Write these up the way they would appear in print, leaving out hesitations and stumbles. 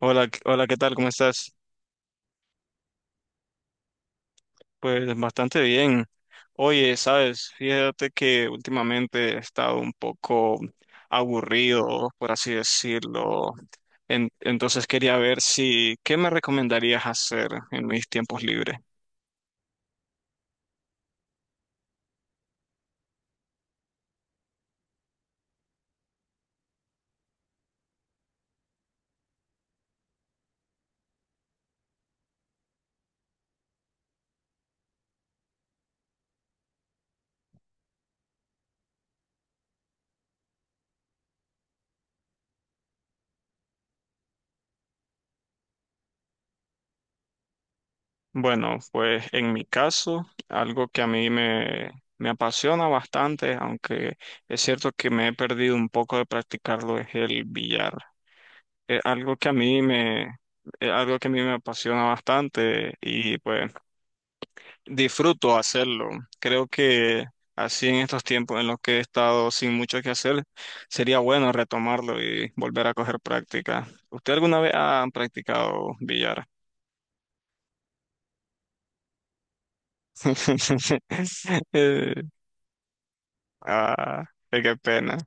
Hola, hola, ¿qué tal? ¿Cómo estás? Pues bastante bien. Oye, sabes, fíjate que últimamente he estado un poco aburrido, por así decirlo. Entonces quería ver, si, ¿qué me recomendarías hacer en mis tiempos libres? Bueno, pues en mi caso, algo que me apasiona bastante, aunque es cierto que me he perdido un poco de practicarlo, es el billar. Es algo que es algo que a mí me apasiona bastante y pues disfruto hacerlo. Creo que así, en estos tiempos en los que he estado sin mucho que hacer, sería bueno retomarlo y volver a coger práctica. ¿Usted alguna vez ha practicado billar? Eh, ah, qué pena.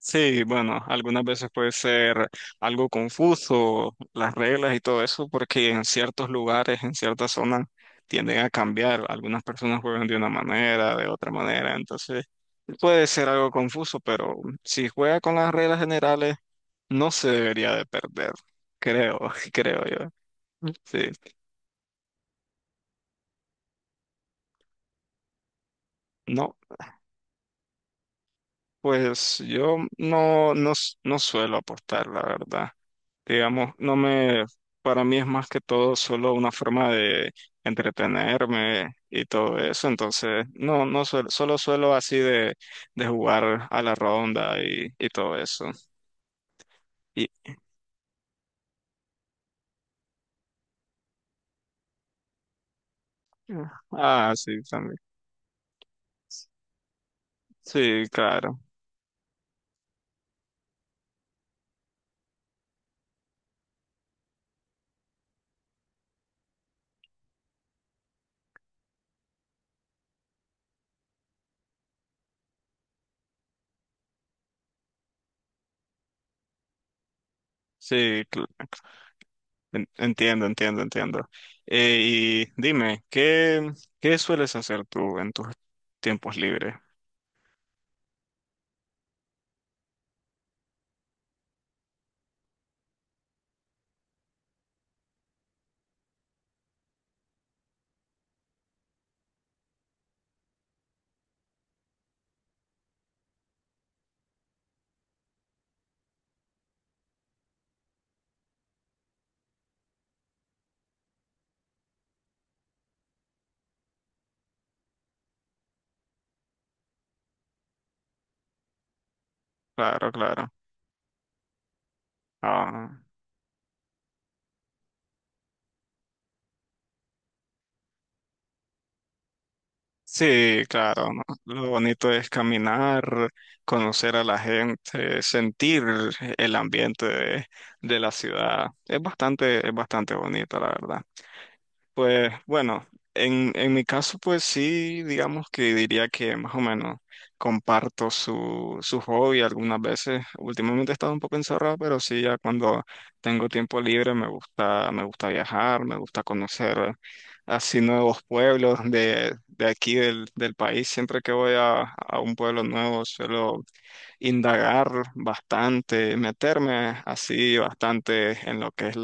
Sí, bueno, algunas veces puede ser algo confuso las reglas y todo eso, porque en ciertos lugares, en ciertas zonas, tienden a cambiar. Algunas personas juegan de una manera, de otra manera, entonces puede ser algo confuso, pero si juega con las reglas generales, no se debería de perder, creo, creo yo. Sí, no, pues yo no, no, no suelo apostar, la verdad. Digamos, no me, para mí es más que todo solo una forma de entretenerme y todo eso, entonces no, no suelo, solo suelo así de jugar a la ronda y todo eso. Y, ah, sí, también. Sí, claro. Sí, entiendo, entiendo, entiendo. Y dime, qué sueles hacer tú en tus tiempos libres? Claro, claro. Ah. Sí, claro, ¿no? Lo bonito es caminar, conocer a la gente, sentir el ambiente de la ciudad. Es bastante bonito, la verdad. Pues bueno, en mi caso, pues sí, digamos que diría que más o menos comparto su, su hobby algunas veces. Últimamente he estado un poco encerrado, pero sí, ya cuando tengo tiempo libre me gusta viajar, me gusta conocer así nuevos pueblos de aquí del, del país. Siempre que voy a un pueblo nuevo suelo indagar bastante, meterme así bastante en lo que es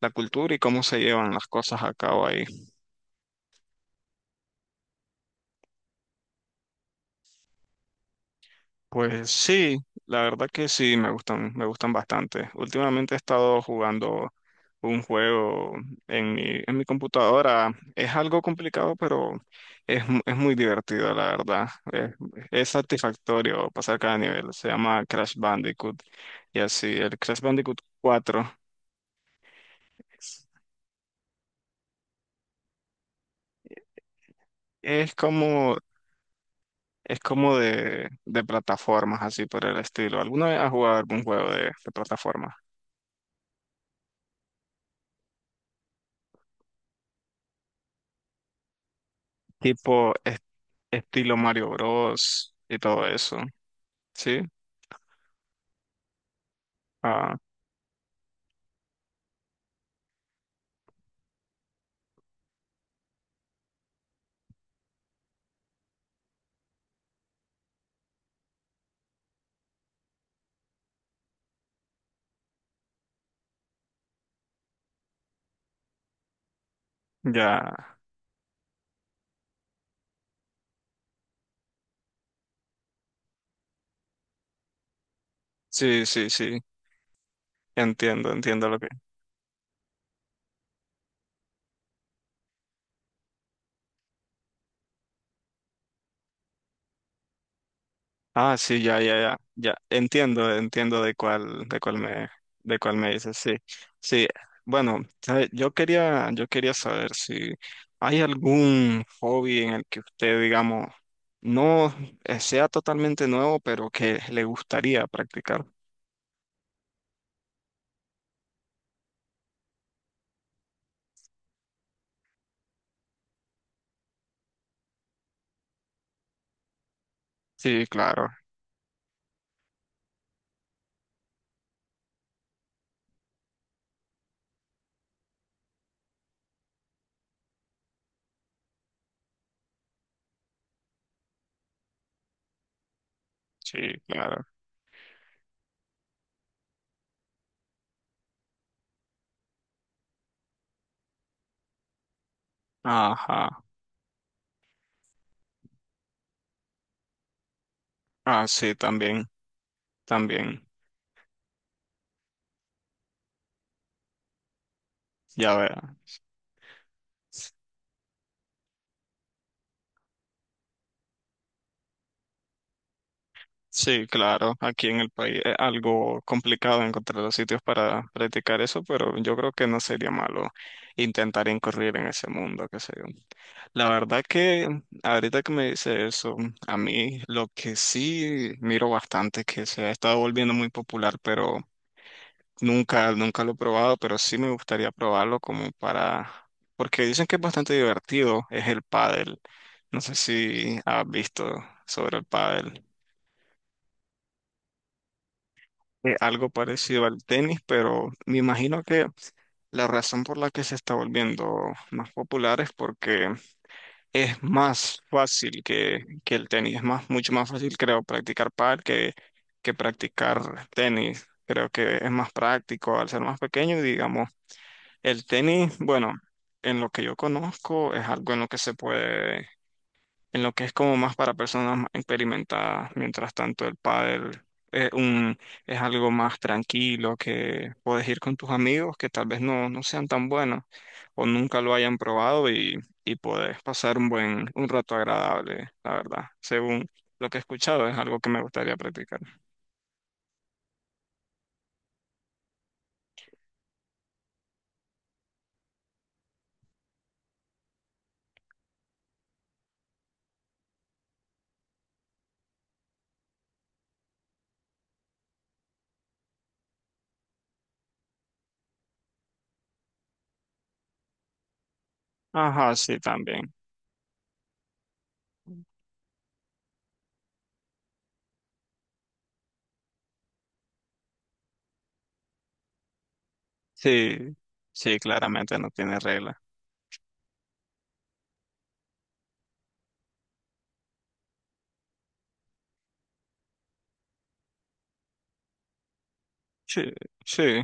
la cultura y cómo se llevan las cosas a cabo ahí. Pues sí, la verdad que sí, me gustan bastante. Últimamente he estado jugando un juego en mi computadora. Es algo complicado, pero es, es muy divertido, la verdad. Es satisfactorio pasar cada nivel. Se llama Crash Bandicoot y así, el Crash Bandicoot cuatro. Es como, es como de plataformas, así por el estilo. ¿Alguna vez has jugado algún juego de plataformas? Tipo estilo Mario Bros. Y todo eso, ¿sí? Ah, ya, sí, sí, sí, entiendo, entiendo lo que... Ah, sí, ya, ya, ya, ya, entiendo, entiendo de cuál, de cuál me dices, sí, sí, bueno, ¿sabe? Yo quería, yo quería saber si hay algún hobby en el que usted, digamos, no sea totalmente nuevo, pero que le gustaría practicar. Sí, claro, sí, claro. Ajá, ah, sí, también. También, ya vea. Sí, claro, aquí en el país es algo complicado encontrar los sitios para practicar eso, pero yo creo que no sería malo intentar incurrir en ese mundo, qué sé yo. La verdad que ahorita que me dice eso, a mí lo que sí miro bastante es que se ha estado volviendo muy popular, pero nunca, nunca lo he probado, pero sí me gustaría probarlo, como para, porque dicen que es bastante divertido, es el pádel. No sé si has visto sobre el pádel. Es algo parecido al tenis, pero me imagino que la razón por la que se está volviendo más popular es porque es más fácil que el tenis. Es más, mucho más fácil, creo, practicar pádel que practicar tenis. Creo que es más práctico al ser más pequeño, y digamos. El tenis, bueno, en lo que yo conozco es algo en lo que se puede, en lo que es como más para personas más experimentadas, mientras tanto el pádel es un, es algo más tranquilo que puedes ir con tus amigos que tal vez no, no sean tan buenos o nunca lo hayan probado y puedes pasar un buen, un rato agradable, la verdad. Según lo que he escuchado, es algo que me gustaría practicar. Ajá, sí, también. Sí, sí, claramente no tiene regla. Sí, sí,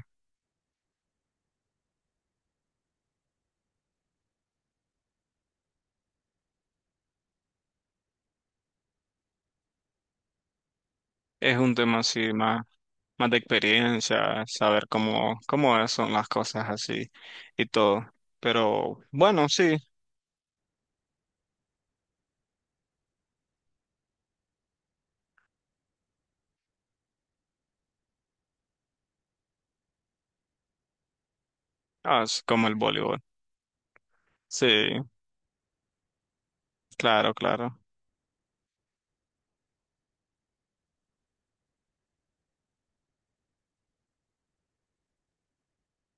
es un tema así más, más de experiencia, saber cómo, son las cosas así y todo. Pero bueno, sí, ah, es como el voleibol. Sí, claro, claro.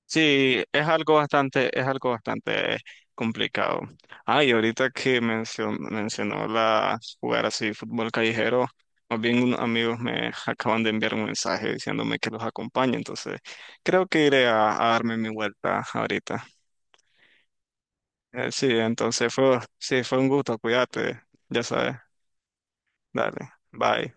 Sí, es algo bastante complicado. Ah, y ahorita que mencionó la jugar así fútbol callejero, más bien unos amigos me acaban de enviar un mensaje diciéndome que los acompañe, entonces creo que iré a darme mi vuelta ahorita. Sí, entonces fue, sí, fue un gusto, cuídate, ya sabes, dale, bye.